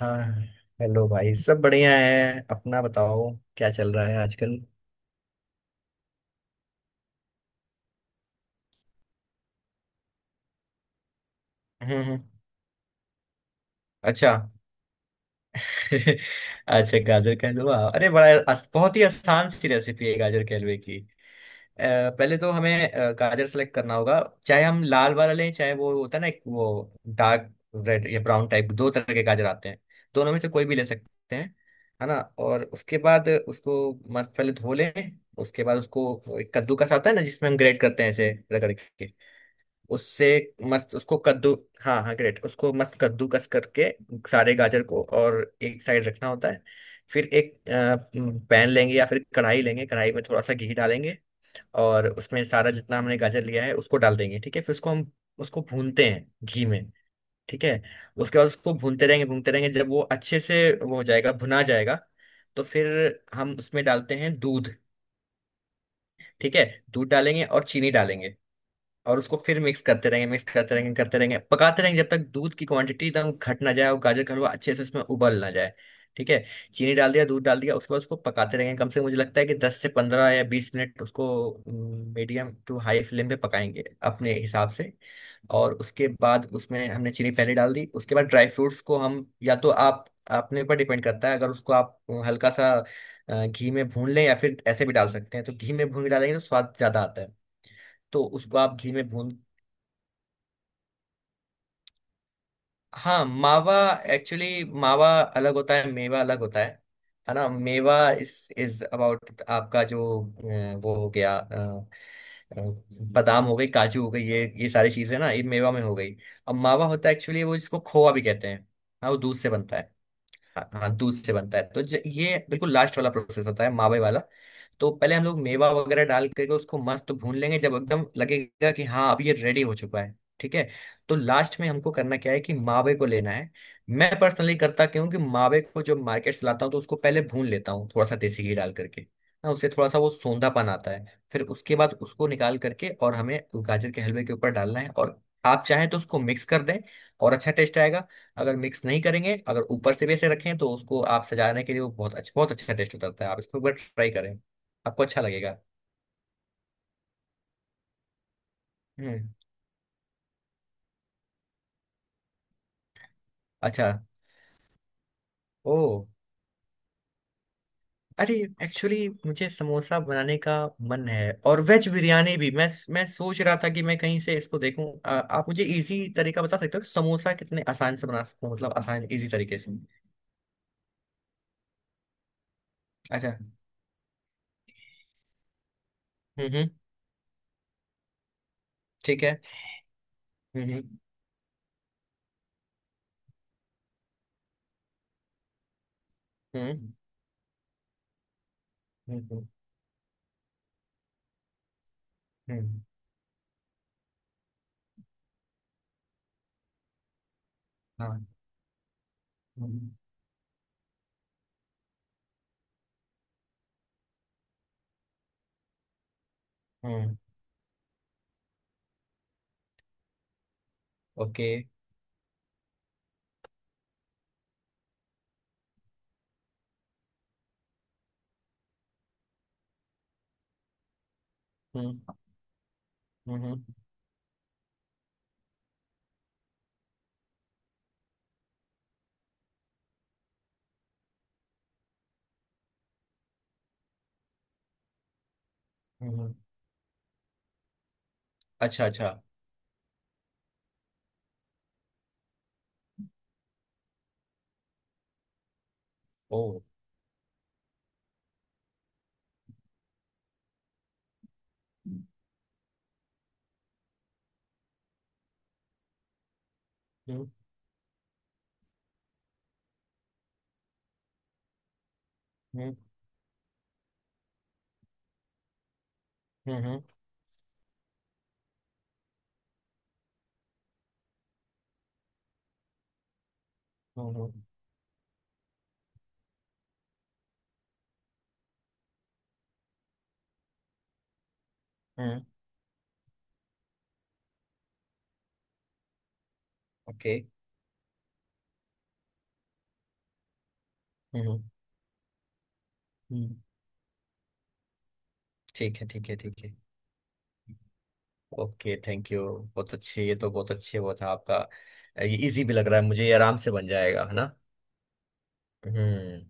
हाँ। हेलो भाई, सब बढ़िया है, अपना बताओ। क्या चल रहा है आजकल? हम्म, हम्म। अच्छा। अच्छा, गाजर का हलवा, अरे, बड़ा बहुत ही आसान सी रेसिपी है गाजर के हलवे की। पहले तो हमें गाजर सेलेक्ट करना होगा। चाहे हम लाल वाला लें, चाहे वो होता है ना एक वो डार्क रेड या ब्राउन टाइप, दो तरह के गाजर आते हैं। दोनों में से कोई भी ले सकते हैं, है ना। और उसके बाद उसको मस्त पहले धो लें, उसके बाद उसको एक कद्दूकस आता है ना, जिसमें हम ग्रेट करते हैं ऐसे रगड़ के उससे, मस्त उसको कद्दू हाँ हाँ, ग्रेट, उसको मस्त कद्दूकस करके सारे गाजर को, और एक साइड रखना होता है। फिर एक पैन लेंगे या फिर कढ़ाई लेंगे, कढ़ाई में थोड़ा सा घी डालेंगे और उसमें सारा जितना हमने गाजर लिया है उसको डाल देंगे। ठीक है, फिर उसको हम उसको भूनते हैं घी में। ठीक है। उसके बाद उसको भूनते रहेंगे, भूनते रहेंगे, जब वो अच्छे से वो हो जाएगा, भुना जाएगा, तो फिर हम उसमें डालते हैं दूध। ठीक है, दूध डालेंगे और चीनी डालेंगे और उसको फिर मिक्स करते रहेंगे, मिक्स करते रहेंगे, करते रहेंगे, पकाते रहेंगे जब तक दूध की क्वांटिटी एकदम घट ना जाए और गाजर का हलवा अच्छे से उसमें उबल ना जाए। ठीक है। चीनी डाल दिया, दूध डाल दिया, उसके बाद उसको पकाते रहेंगे कम से कम, मुझे लगता है कि 10 से 15 या 20 मिनट उसको मीडियम टू हाई फ्लेम पे पकाएंगे अपने हिसाब से। और उसके बाद उसमें हमने चीनी पहले डाल दी, उसके बाद ड्राई फ्रूट्स को हम या तो आप अपने ऊपर डिपेंड करता है, अगर उसको आप हल्का सा घी में भून लें या फिर ऐसे भी डाल सकते हैं। तो घी में भून के डालेंगे तो स्वाद ज्यादा आता है। तो उसको आप घी में भून। हाँ, मावा। एक्चुअली मावा अलग होता है, मेवा अलग होता है ना। मेवा इस इज अबाउट आपका जो वो हो गया अ, बादाम हो गई, काजू हो गई, ये सारी चीजें ना ये मेवा में हो गई। अब मावा होता है एक्चुअली वो जिसको खोआ भी कहते हैं। हाँ, वो दूध से बनता है। हाँ, हाँ, दूध से बनता है। तो ये बिल्कुल लास्ट वाला प्रोसेस होता है मावे वाला। तो पहले हम लोग मेवा वगैरह डाल करके उसको मस्त भून लेंगे, जब एकदम लगेगा कि हाँ, अब ये रेडी हो चुका है, ठीक है। तो लास्ट में हमको करना क्या है कि मावे को लेना है। मैं पर्सनली करता क्यों कि मावे को जब मार्केट से लाता हूँ तो उसको पहले भून लेता हूँ थोड़ा सा देसी घी डाल करके ना, उससे थोड़ा सा वो सोंधापन आता है। फिर उसके बाद उसको निकाल करके और हमें गाजर के हलवे के ऊपर डालना है, और आप चाहें तो उसको मिक्स कर दें, और अच्छा टेस्ट आएगा। अगर मिक्स नहीं करेंगे, अगर ऊपर से भी ऐसे रखें तो उसको आप सजाने के लिए, वो बहुत अच्छा, बहुत अच्छा टेस्ट उतरता है। आप इसको एक बार ट्राई करें, आपको अच्छा लगेगा। हम्म। अच्छा। ओ। अरे, एक्चुअली मुझे समोसा बनाने का मन है, और वेज बिरयानी भी मैं सोच रहा था कि मैं कहीं से इसको देखूं। आ, आप मुझे इजी तरीका बता सकते हो कि समोसा कितने आसान से बना सकूं, मतलब आसान इजी तरीके से। अच्छा। हम्म, हम्म। ठीक है। हम्म, हम्म। हम्म, हम्म। हम्म, हम्म, हाँ। हम्म, हम्म। ओके। हम्म, हम्म, हम्म। अच्छा, अच्छा। ओ। हम्म, हम्म, हम्म, हम्म, हम्म। ओके। हम्म, हम्म। ठीक है, ठीक है, ठीक है। Okay, thank you. बहुत अच्छे, ये तो बहुत अच्छे वो था आपका। ये इजी भी लग रहा है मुझे, ये आराम से बन जाएगा, है ना। हम्म।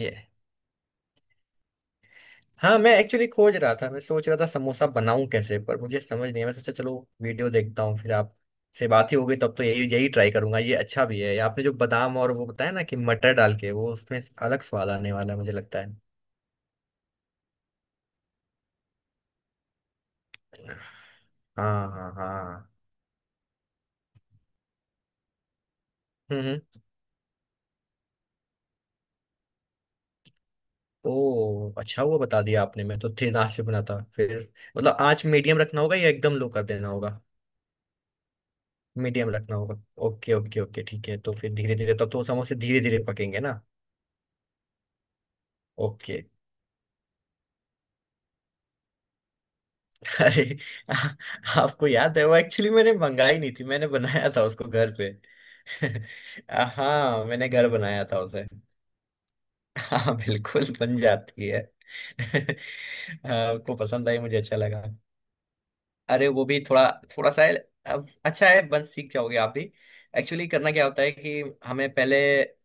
ये, हाँ मैं एक्चुअली खोज रहा था, मैं सोच रहा था समोसा बनाऊं कैसे, पर मुझे समझ नहीं है। मैं सोचा चलो वीडियो देखता हूँ, फिर आप से बात ही होगी तब तो यही यही ट्राई करूंगा। ये अच्छा भी है आपने जो बादाम और वो बताया ना कि मटर डाल के, वो उसमें अलग स्वाद आने वाला है, मुझे लगता है। हाँ, हाँ, हाँ। हम्म। ओ, अच्छा हुआ बता दिया आपने, मैं तो थिन आंच पे बना था फिर। मतलब आंच मीडियम रखना होगा या एकदम लो कर देना होगा? मीडियम रखना होगा। Okay, okay, okay. ठीक है, तो फिर धीरे धीरे तब तो समोसे धीरे धीरे पकेंगे ना। ओके। अरे, आपको याद है, वो एक्चुअली मैंने मंगाई नहीं थी, मैंने बनाया था उसको घर पे। आ, हाँ, मैंने घर बनाया था उसे। हाँ, बिल्कुल बन जाती है। आपको पसंद आई, मुझे अच्छा लगा। अरे, वो भी थोड़ा, थोड़ा सा है, अब अच्छा है, बस सीख जाओगे आप भी। एक्चुअली करना क्या होता है कि हमें पहले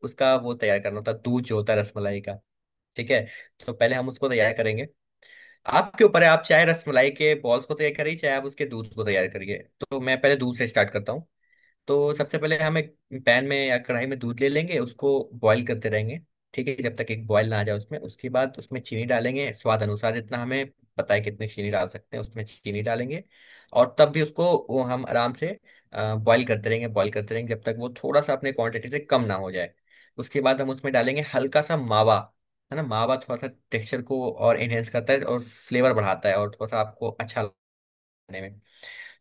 उसका वो तैयार करना होता है, दूध जो होता है रसमलाई का। ठीक है। तो पहले हम उसको तैयार करेंगे, आपके ऊपर है, आप चाहे रसमलाई के बॉल्स को तैयार करिए, चाहे आप उसके दूध को तैयार करिए। तो मैं पहले दूध से स्टार्ट करता हूँ। तो सबसे पहले हम एक पैन में या कढ़ाई में दूध ले लेंगे, उसको बॉईल करते रहेंगे। ठीक है, जब तक एक बॉईल ना आ जाए उसमें, उसके बाद उसमें चीनी डालेंगे स्वाद अनुसार, जितना हमें पता है कितनी चीनी डाल सकते हैं उसमें, चीनी डालेंगे। और तब भी उसको वो हम आराम से बॉईल करते रहेंगे, बॉईल करते रहेंगे, जब तक वो थोड़ा सा अपने क्वांटिटी से कम ना हो जाए। उसके बाद हम उसमें डालेंगे हल्का सा मावा, है ना। मावा थोड़ा सा टेक्सचर को और एनहेंस करता है और फ्लेवर बढ़ाता है, और थोड़ा सा आपको अच्छा लगने में।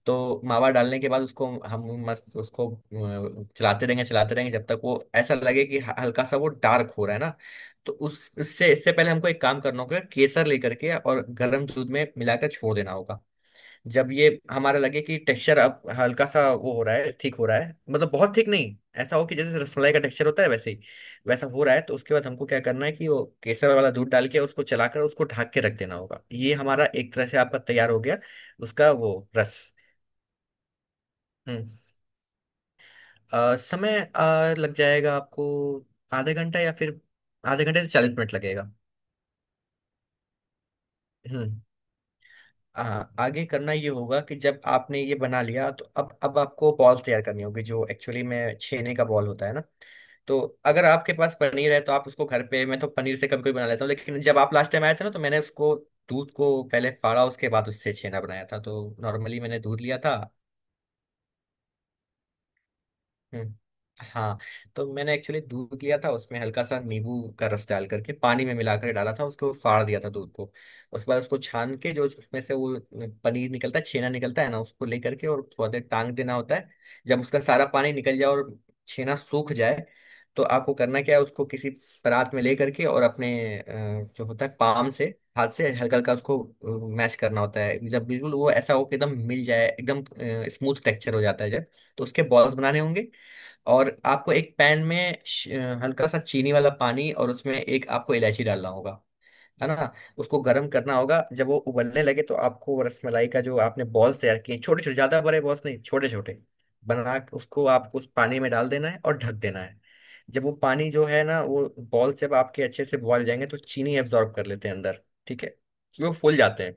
तो मावा डालने के बाद उसको हम मस्त उसको चलाते रहेंगे, चलाते रहेंगे जब तक वो ऐसा लगे कि हल्का सा वो डार्क हो रहा है ना। तो उस उससे इससे पहले हमको एक काम करना होगा, केसर लेकर के और गर्म दूध में मिलाकर छोड़ देना होगा। जब ये हमारा लगे कि टेक्सचर अब हल्का सा वो हो रहा है, ठीक हो रहा है, मतलब बहुत ठीक नहीं, ऐसा हो कि जैसे रसमलाई का टेक्सचर होता है वैसे ही वैसा हो रहा है, तो उसके बाद हमको क्या करना है कि वो केसर वाला दूध डाल के उसको चलाकर उसको ढक के रख देना होगा। ये हमारा एक तरह से आपका तैयार हो गया उसका, वो रस। हम्म। समय लग जाएगा आपको आधे घंटा या फिर आधे घंटे से 40 मिनट लगेगा। हम्म। आ, आगे करना ये होगा कि जब आपने ये बना लिया तो अब आपको बॉल्स तैयार करनी होगी, जो एक्चुअली में छेने का बॉल होता है ना। तो अगर आपके पास पनीर है तो आप उसको घर पे, मैं तो पनीर से कभी कभी बना लेता हूँ, लेकिन जब आप लास्ट टाइम आए थे ना तो मैंने उसको दूध को पहले फाड़ा, उसके बाद उससे छेना बनाया था। तो नॉर्मली मैंने दूध लिया था। हम्म, हाँ। तो मैंने एक्चुअली दूध लिया था, उसमें हल्का सा नींबू का रस डाल करके पानी में मिलाकर डाला था, उसको फाड़ दिया था दूध को। उसके बाद उसको छान के जो उसमें से वो पनीर निकलता है, छेना निकलता है ना, उसको ले करके और थोड़ा देर टांग देना होता है। जब उसका सारा पानी निकल जाए और छेना सूख जाए, तो आपको करना क्या है उसको किसी परात में ले करके और अपने जो होता है पाम से, हाथ से हल्का हल्का उसको मैश करना होता है जब बिल्कुल वो ऐसा हो कि एकदम मिल जाए, एकदम स्मूथ टेक्सचर हो जाता है जब। तो उसके बॉल्स बनाने होंगे, और आपको एक पैन में हल्का सा चीनी वाला पानी और उसमें एक आपको इलायची डालना होगा, है ना। उसको गर्म करना होगा, जब वो उबलने लगे तो आपको वो रसमलाई का जो आपने बॉल्स तैयार किए छोटे छोटे, ज्यादा बड़े बॉल्स नहीं, छोटे छोटे बना के उसको आपको उस पानी में डाल देना है और ढक देना है। जब वो पानी जो है ना, वो बॉल्स जब आपके अच्छे से बॉयल हो जाएंगे तो चीनी एब्जॉर्ब कर लेते हैं अंदर, ठीक है। वो फूल जाते हैं।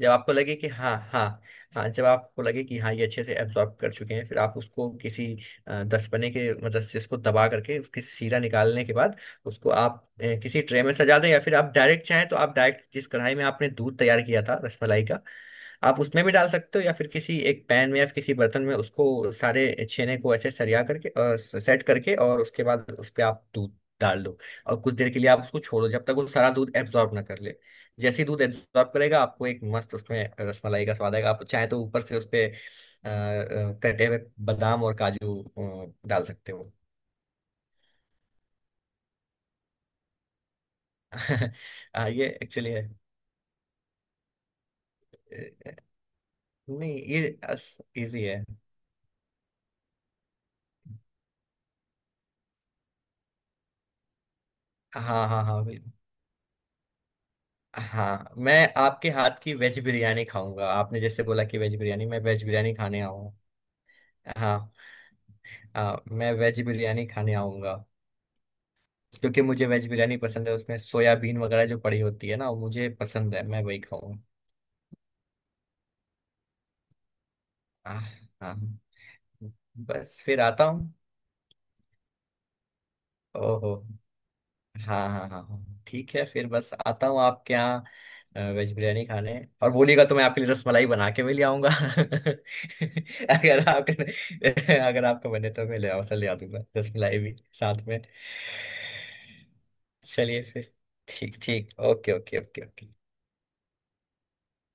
जब आपको लगे कि हाँ, हाँ, हाँ, जब आपको लगे कि हाँ ये अच्छे से एब्जॉर्ब कर चुके हैं, फिर आप उसको किसी दसपने के मदद से इसको दबा करके उसकी शीरा निकालने के बाद उसको आप किसी ट्रे में सजा दें, या फिर आप डायरेक्ट चाहें तो आप डायरेक्ट जिस कढ़ाई में आपने दूध तैयार किया था रसमलाई का, आप उसमें भी डाल सकते हो, या फिर किसी एक पैन में या फिर किसी बर्तन में उसको सारे छेने को ऐसे सरिया करके और सेट करके, और उसके बाद उस पर आप दूध डाल दो। और कुछ देर के लिए आप उसको छोड़ो जब तक वो सारा दूध एब्जॉर्ब ना कर ले। जैसे ही दूध एब्जॉर्ब करेगा आपको एक मस्त उसमें रसमलाई का स्वाद आएगा। आप चाहे तो ऊपर से उसपे कटे हुए बादाम और काजू डाल सकते हो। ये एक्चुअली है, अ, नहीं ये इजी है। हाँ, हाँ, हाँ, बिल्कुल। हाँ, मैं आपके हाथ की वेज बिरयानी खाऊंगा। आपने जैसे बोला कि वेज बिरयानी मैं वेज बिरयानी खाने आऊंगा। हाँ, आ, मैं वेज बिरयानी खाने आऊंगा क्योंकि मुझे वेज बिरयानी पसंद है। उसमें सोयाबीन वगैरह जो पड़ी होती है ना, वो मुझे पसंद है, मैं वही खाऊंगा। आह, हाँ, बस फिर आता हूँ। ओहो। हाँ, हाँ, हाँ, हाँ, हाँ। ठीक है, फिर बस आता हूँ आपके यहाँ वेज बिरयानी खाने। और बोलिएगा तो मैं आपके लिए रसमलाई बना के भी ले आऊंगा। अगर आप, अगर आपका बने तो मैं ले आऊँ, ले आ दूंगा रसमलाई भी साथ में। चलिए फिर। ठीक, ठीक। Okay, okay, okay, okay.